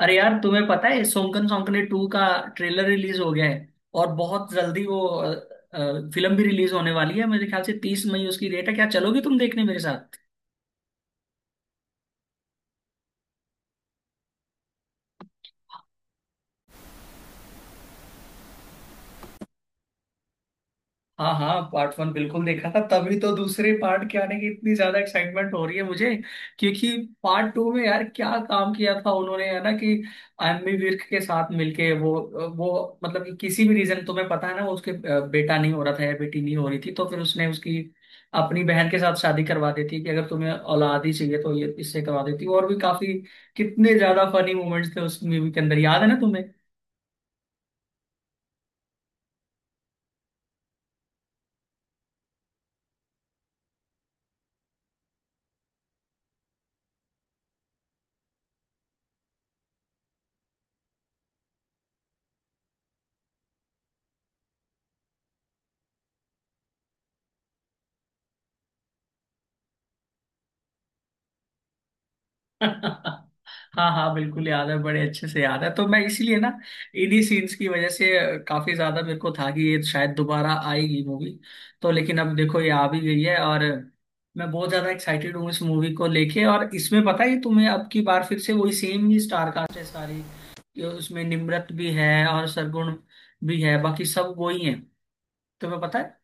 अरे यार, तुम्हें पता है सोंकन सोंकने टू का ट्रेलर रिलीज हो गया है। और बहुत जल्दी वो फिल्म भी रिलीज होने वाली है। मेरे ख्याल से 30 मई उसकी डेट है। क्या चलोगी तुम देखने मेरे? हाँ हाँ, पार्ट वन बिल्कुल देखा था, तभी तो दूसरे पार्ट के आने की इतनी ज्यादा एक्साइटमेंट हो रही है मुझे। क्योंकि पार्ट टू में यार क्या काम किया था उन्होंने, है ना? कि एमी विर्क के साथ मिलके वो मतलब कि, किसी भी रीजन तुम्हें पता है ना, वो उसके बेटा नहीं हो रहा था या बेटी नहीं हो रही थी, तो फिर उसने उसकी अपनी बहन के साथ शादी करवा देती कि अगर तुम्हें औलाद ही चाहिए तो ये इससे करवा देती, और भी काफी, कितने ज्यादा फनी मोमेंट्स थे उस मूवी के अंदर, याद है ना तुम्हें? हाँ हाँ बिल्कुल याद है, बड़े अच्छे से याद है। तो मैं इसीलिए ना, इन्हीं सीन्स की वजह से काफी ज्यादा मेरे को था कि ये शायद दोबारा आएगी मूवी। तो लेकिन अब देखो ये आ भी गई है, और मैं बहुत ज्यादा एक्साइटेड हूँ इस मूवी को लेके। और इसमें पता है तुम्हें, अब की बार फिर से वही सेम ही स्टार कास्ट है सारी, ये उसमें निम्रत भी है और सरगुण भी है, बाकी सब वही है, तुम्हें पता है।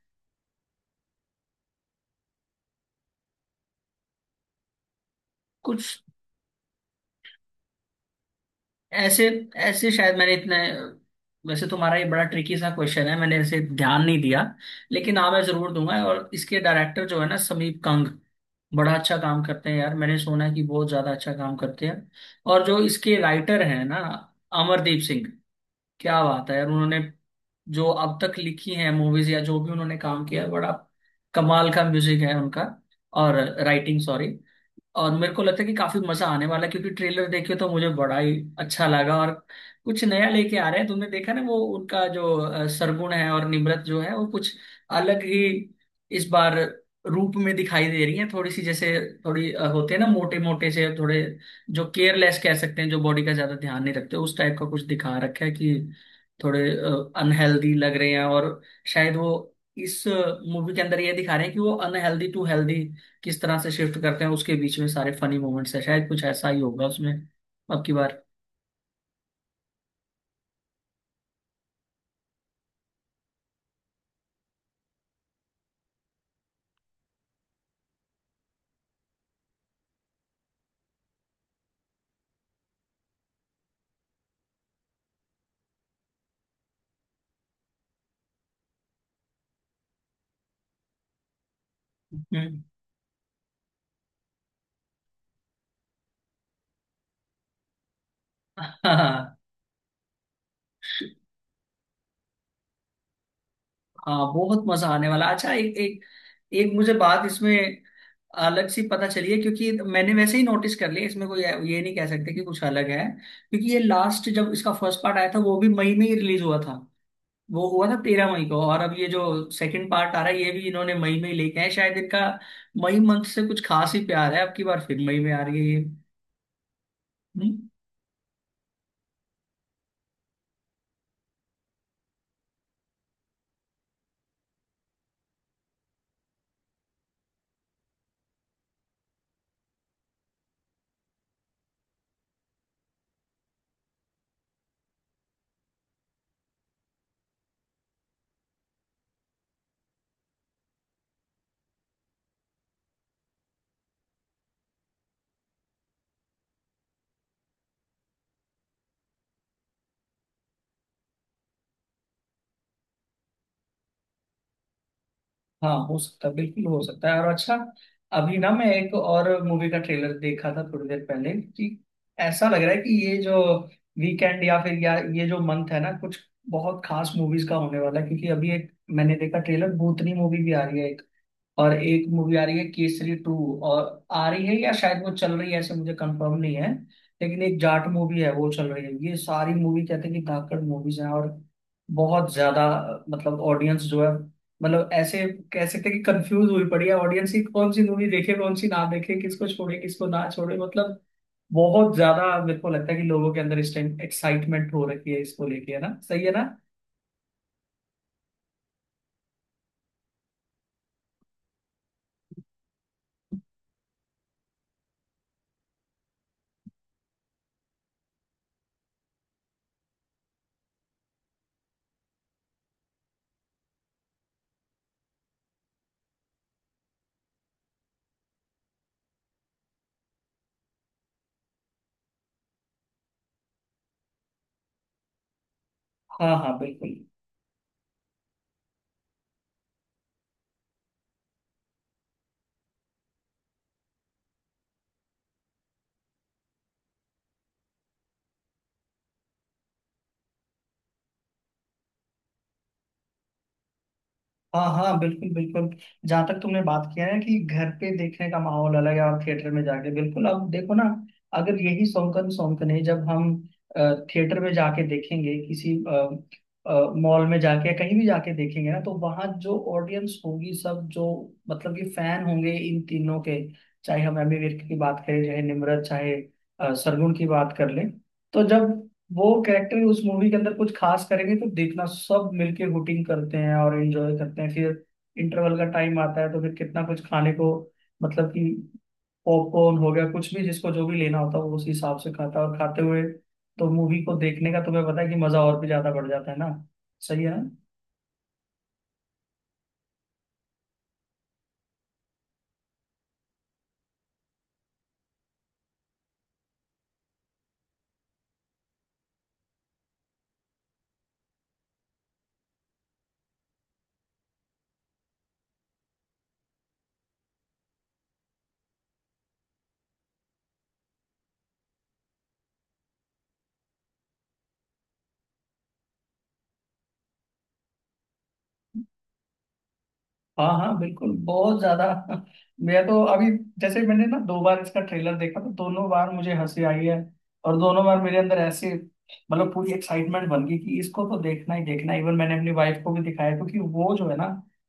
कुछ ऐसे ऐसे शायद मैंने इतने, वैसे तुम्हारा ये बड़ा ट्रिकी सा क्वेश्चन है, मैंने ऐसे ध्यान नहीं दिया। लेकिन हाँ, मैं जरूर दूंगा। और इसके डायरेक्टर जो है ना, समीप कंग, बड़ा अच्छा काम करते हैं यार, मैंने सुना है कि बहुत ज्यादा अच्छा काम करते हैं। और जो इसके राइटर हैं ना, अमरदीप सिंह, क्या बात है यार उन्होंने, जो अब तक लिखी है मूवीज या जो भी उन्होंने काम किया है, बड़ा कमाल का म्यूजिक है उनका, और राइटिंग, सॉरी। और मेरे को लगता है कि काफी मजा आने वाला है, क्योंकि ट्रेलर देखे तो मुझे बड़ा ही अच्छा लगा। और कुछ नया लेके आ रहे हैं, तुमने देखा ना वो उनका जो सरगुण है और निम्रत जो है, वो कुछ अलग ही इस बार रूप में दिखाई दे रही है, थोड़ी सी जैसे, थोड़ी होते हैं ना मोटे मोटे से थोड़े, जो केयरलेस कह सकते हैं, जो बॉडी का ज्यादा ध्यान नहीं रखते, उस टाइप का कुछ दिखा रखा है कि थोड़े अनहेल्दी लग रहे हैं। और शायद वो इस मूवी के अंदर ये दिखा रहे हैं कि वो अनहेल्दी टू हेल्दी किस तरह से शिफ्ट करते हैं, उसके बीच में सारे फनी मोमेंट्स है, शायद कुछ ऐसा ही होगा उसमें अब की बार। हम्म। हाँ। हाँ, बहुत मजा आने वाला। अच्छा एक एक एक मुझे बात इसमें अलग सी पता चली है, क्योंकि मैंने वैसे ही नोटिस कर लिया। इसमें कोई ये नहीं कह सकते कि कुछ अलग है, क्योंकि ये लास्ट जब इसका फर्स्ट पार्ट आया था वो भी मई में ही रिलीज हुआ था, वो हुआ था 13 मई को। और अब ये जो सेकंड पार्ट आ रहा है ये भी इन्होंने मई में ही लेके आए, शायद इनका मई मंथ से कुछ खास ही प्यार है, अब की बार फिर मई में आ रही है ये। हम्म। हाँ हो सकता है, बिल्कुल हो सकता है। और अच्छा, अभी ना मैं एक और मूवी का ट्रेलर देखा था थोड़ी देर पहले कि ऐसा लग रहा है कि ये जो वीकेंड या फिर, ये जो मंथ है ना, कुछ बहुत खास मूवीज का होने वाला है। क्योंकि अभी एक, मैंने देखा ट्रेलर, भूतनी मूवी भी आ रही है एक, और एक मूवी आ रही है केसरी टू, और आ रही है या शायद वो चल रही है, ऐसे मुझे कंफर्म नहीं है। लेकिन एक जाट मूवी है, वो चल रही है। ये सारी मूवी कहते हैं कि धाकड़ मूवीज हैं, और बहुत ज्यादा मतलब ऑडियंस जो है, मतलब ऐसे कह सकते हैं कि कंफ्यूज हुई पड़ी है ऑडियंस ही, कौन सी मूवी देखे कौन सी ना देखे, किसको छोड़े किसको ना छोड़े। मतलब बहुत ज्यादा मेरे को लगता है कि लोगों के अंदर इस टाइम एक्साइटमेंट हो रखी है इसको लेके, है ना? सही है ना? हाँ हाँ बिल्कुल। हाँ हाँ बिल्कुल बिल्कुल। जहाँ तक तुमने बात किया है कि घर पे देखने का माहौल अलग है और थिएटर में जाके, बिल्कुल, अब देखो ना, अगर यही सौंकन सौंकन है, जब हम थिएटर में जाके देखेंगे किसी मॉल में जाके या कहीं भी जाके देखेंगे ना, तो वहाँ जो ऑडियंस होगी, सब जो मतलब कि फैन होंगे इन तीनों के, चाहे हम एमी विर्क की बात करें, चाहे निम्रत, चाहे सरगुण की बात कर लें, तो जब वो कैरेक्टर उस मूवी के अंदर कुछ खास करेंगे तो देखना, सब मिलके हुटिंग करते हैं और एंजॉय करते हैं। फिर इंटरवल का टाइम आता है, तो फिर कितना कुछ खाने को, मतलब कि पॉपकॉर्न हो गया, कुछ भी जिसको जो भी लेना होता है वो उस हिसाब से खाता है, और खाते हुए तो मूवी को देखने का तुम्हें पता है कि मजा और भी ज्यादा बढ़ जाता है ना। सही है ना? हाँ हाँ बिल्कुल, बहुत ज्यादा। मैं तो अभी, जैसे मैंने ना 2 बार इसका ट्रेलर देखा, तो दोनों बार मुझे हंसी आई है, और दोनों बार मेरे अंदर ऐसे मतलब पूरी एक्साइटमेंट बन गई कि इसको तो देखना ही देखना। इवन मैंने अपनी वाइफ को भी दिखाया, क्योंकि वो जो है ना,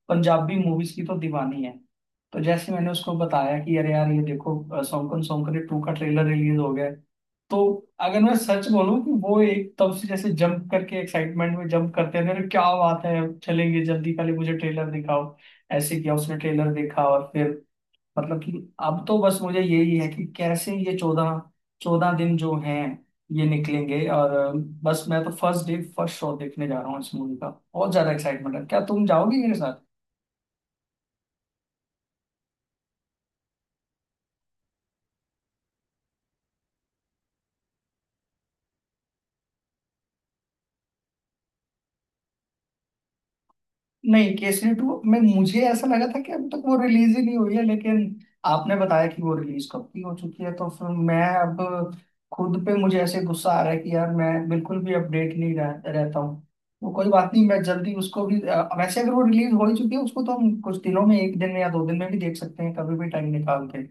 पंजाबी मूवीज की तो दीवानी है। तो जैसे मैंने उसको बताया कि अरे यार ये देखो सौंकन सौंकने टू का ट्रेलर रिलीज हो गया है, तो अगर मैं सच बोलूं, कि वो एक तब से जैसे जंप करके, एक्साइटमेंट में जंप करते थे, अरे क्या बात है, चलेंगे जल्दी, पहले मुझे ट्रेलर दिखाओ। ऐसे किया, उसने ट्रेलर देखा, और फिर मतलब कि अब तो बस मुझे यही है कि कैसे ये चौदह चौदह दिन जो हैं ये निकलेंगे। और बस मैं तो फर्स्ट डे फर्स्ट शो देखने जा रहा हूँ इस मूवी का, बहुत ज्यादा एक्साइटमेंट है। क्या तुम जाओगी मेरे? नहीं, केसरी टू में मुझे ऐसा लगा था कि अब तक वो रिलीज ही नहीं हुई है, लेकिन आपने बताया कि वो रिलीज कब की हो चुकी है, तो फिर मैं अब खुद पे, मुझे ऐसे गुस्सा आ रहा है कि यार मैं बिल्कुल भी अपडेट नहीं रहता हूँ। वो कोई बात नहीं, मैं जल्दी उसको भी वैसे अगर वो रिलीज हो ही चुकी है उसको, तो हम कुछ दिनों में, एक दिन में या 2 दिन में भी देख सकते हैं कभी भी टाइम निकाल के।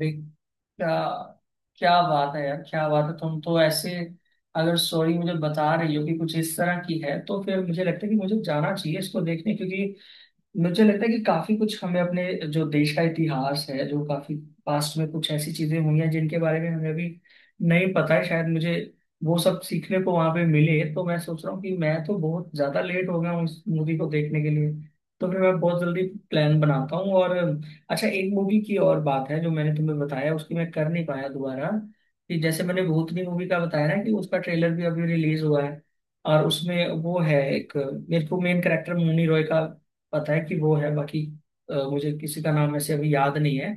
भाई, क्या, क्या बात है यार, क्या बात है, तुम तो ऐसे अगर स्टोरी मुझे बता रही हो कि कुछ इस तरह की है, तो फिर मुझे लगता है कि मुझे जाना चाहिए इसको देखने। क्योंकि मुझे लगता है कि काफी कुछ हमें अपने, जो देश का इतिहास है, जो काफी पास्ट में कुछ ऐसी चीजें हुई हैं जिनके बारे में हमें अभी नहीं पता है, शायद मुझे वो सब सीखने को वहां पे मिले। तो मैं सोच रहा हूँ कि मैं तो बहुत ज्यादा लेट हो गया हूँ इस मूवी को देखने के लिए, तो फिर मैं बहुत जल्दी प्लान बनाता हूँ। और अच्छा, एक मूवी की और बात है जो मैंने तुम्हें बताया, उसकी मैं कर नहीं पाया दोबारा, कि जैसे मैंने भूतनी मूवी का बताया ना, कि उसका ट्रेलर भी अभी रिलीज हुआ है, और उसमें वो है एक, मेरे को मेन करेक्टर मुन्नी रॉय का पता है कि वो है, बाकी मुझे किसी का नाम ऐसे अभी याद नहीं है।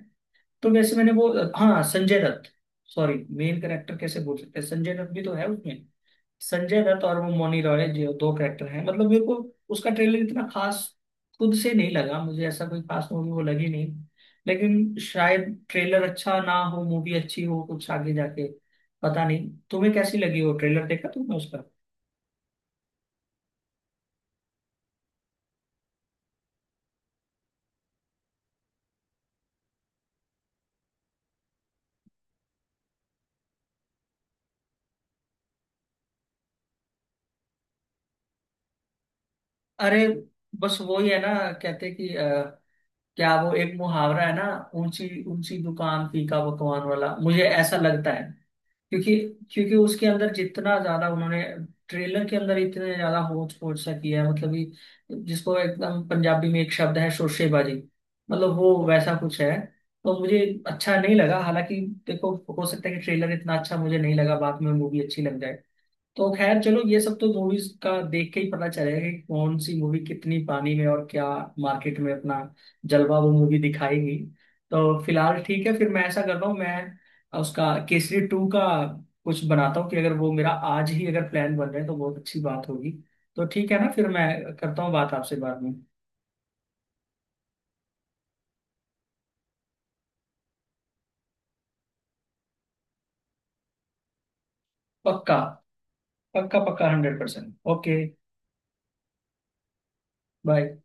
तो वैसे मैंने वो, हाँ Sanjay Dutt, sorry main character कैसे बोल सकते हैं, संजय दत्त भी तो है उसमें, संजय दत्त और वो मौनी रॉय, जो दो कैरेक्टर हैं, मतलब मेरे को उसका ट्रेलर इतना खास खुद से नहीं लगा, मुझे ऐसा कोई खास मूवी वो लगी नहीं, लेकिन शायद ट्रेलर अच्छा ना हो, मूवी अच्छी हो कुछ आगे जाके, पता नहीं। तुम्हें कैसी लगी? वो ट्रेलर देखा तुमने उसका? अरे, बस वही है ना, कहते हैं कि क्या वो एक मुहावरा है ना, ऊंची ऊंची दुकान फीका पकवान वाला, मुझे ऐसा लगता है। क्योंकि, उसके अंदर जितना ज्यादा उन्होंने ट्रेलर के अंदर इतने ज्यादा होच पोच सा किया है, मतलब कि जिसको एकदम पंजाबी में एक शब्द है शोरशेबाजी, मतलब वो वैसा कुछ है। तो मुझे अच्छा नहीं लगा, हालांकि देखो हो सकता है कि ट्रेलर इतना अच्छा मुझे नहीं लगा, बाद में मूवी अच्छी लग जाए। तो खैर चलो, ये सब तो मूवीज का देख के ही पता चलेगा कि कौन सी मूवी कितनी पानी में, और क्या मार्केट में अपना जलवा वो मूवी दिखाएगी। तो फिलहाल ठीक है, फिर मैं ऐसा करता हूँ, मैं उसका केसरी टू का कुछ बनाता हूँ, कि अगर वो मेरा आज ही अगर प्लान बन रहे हैं तो बहुत अच्छी बात होगी। तो ठीक है ना, फिर मैं करता हूँ बात आपसे बाद में। पक्का। पक्का पक्का 100% ओके। बाय।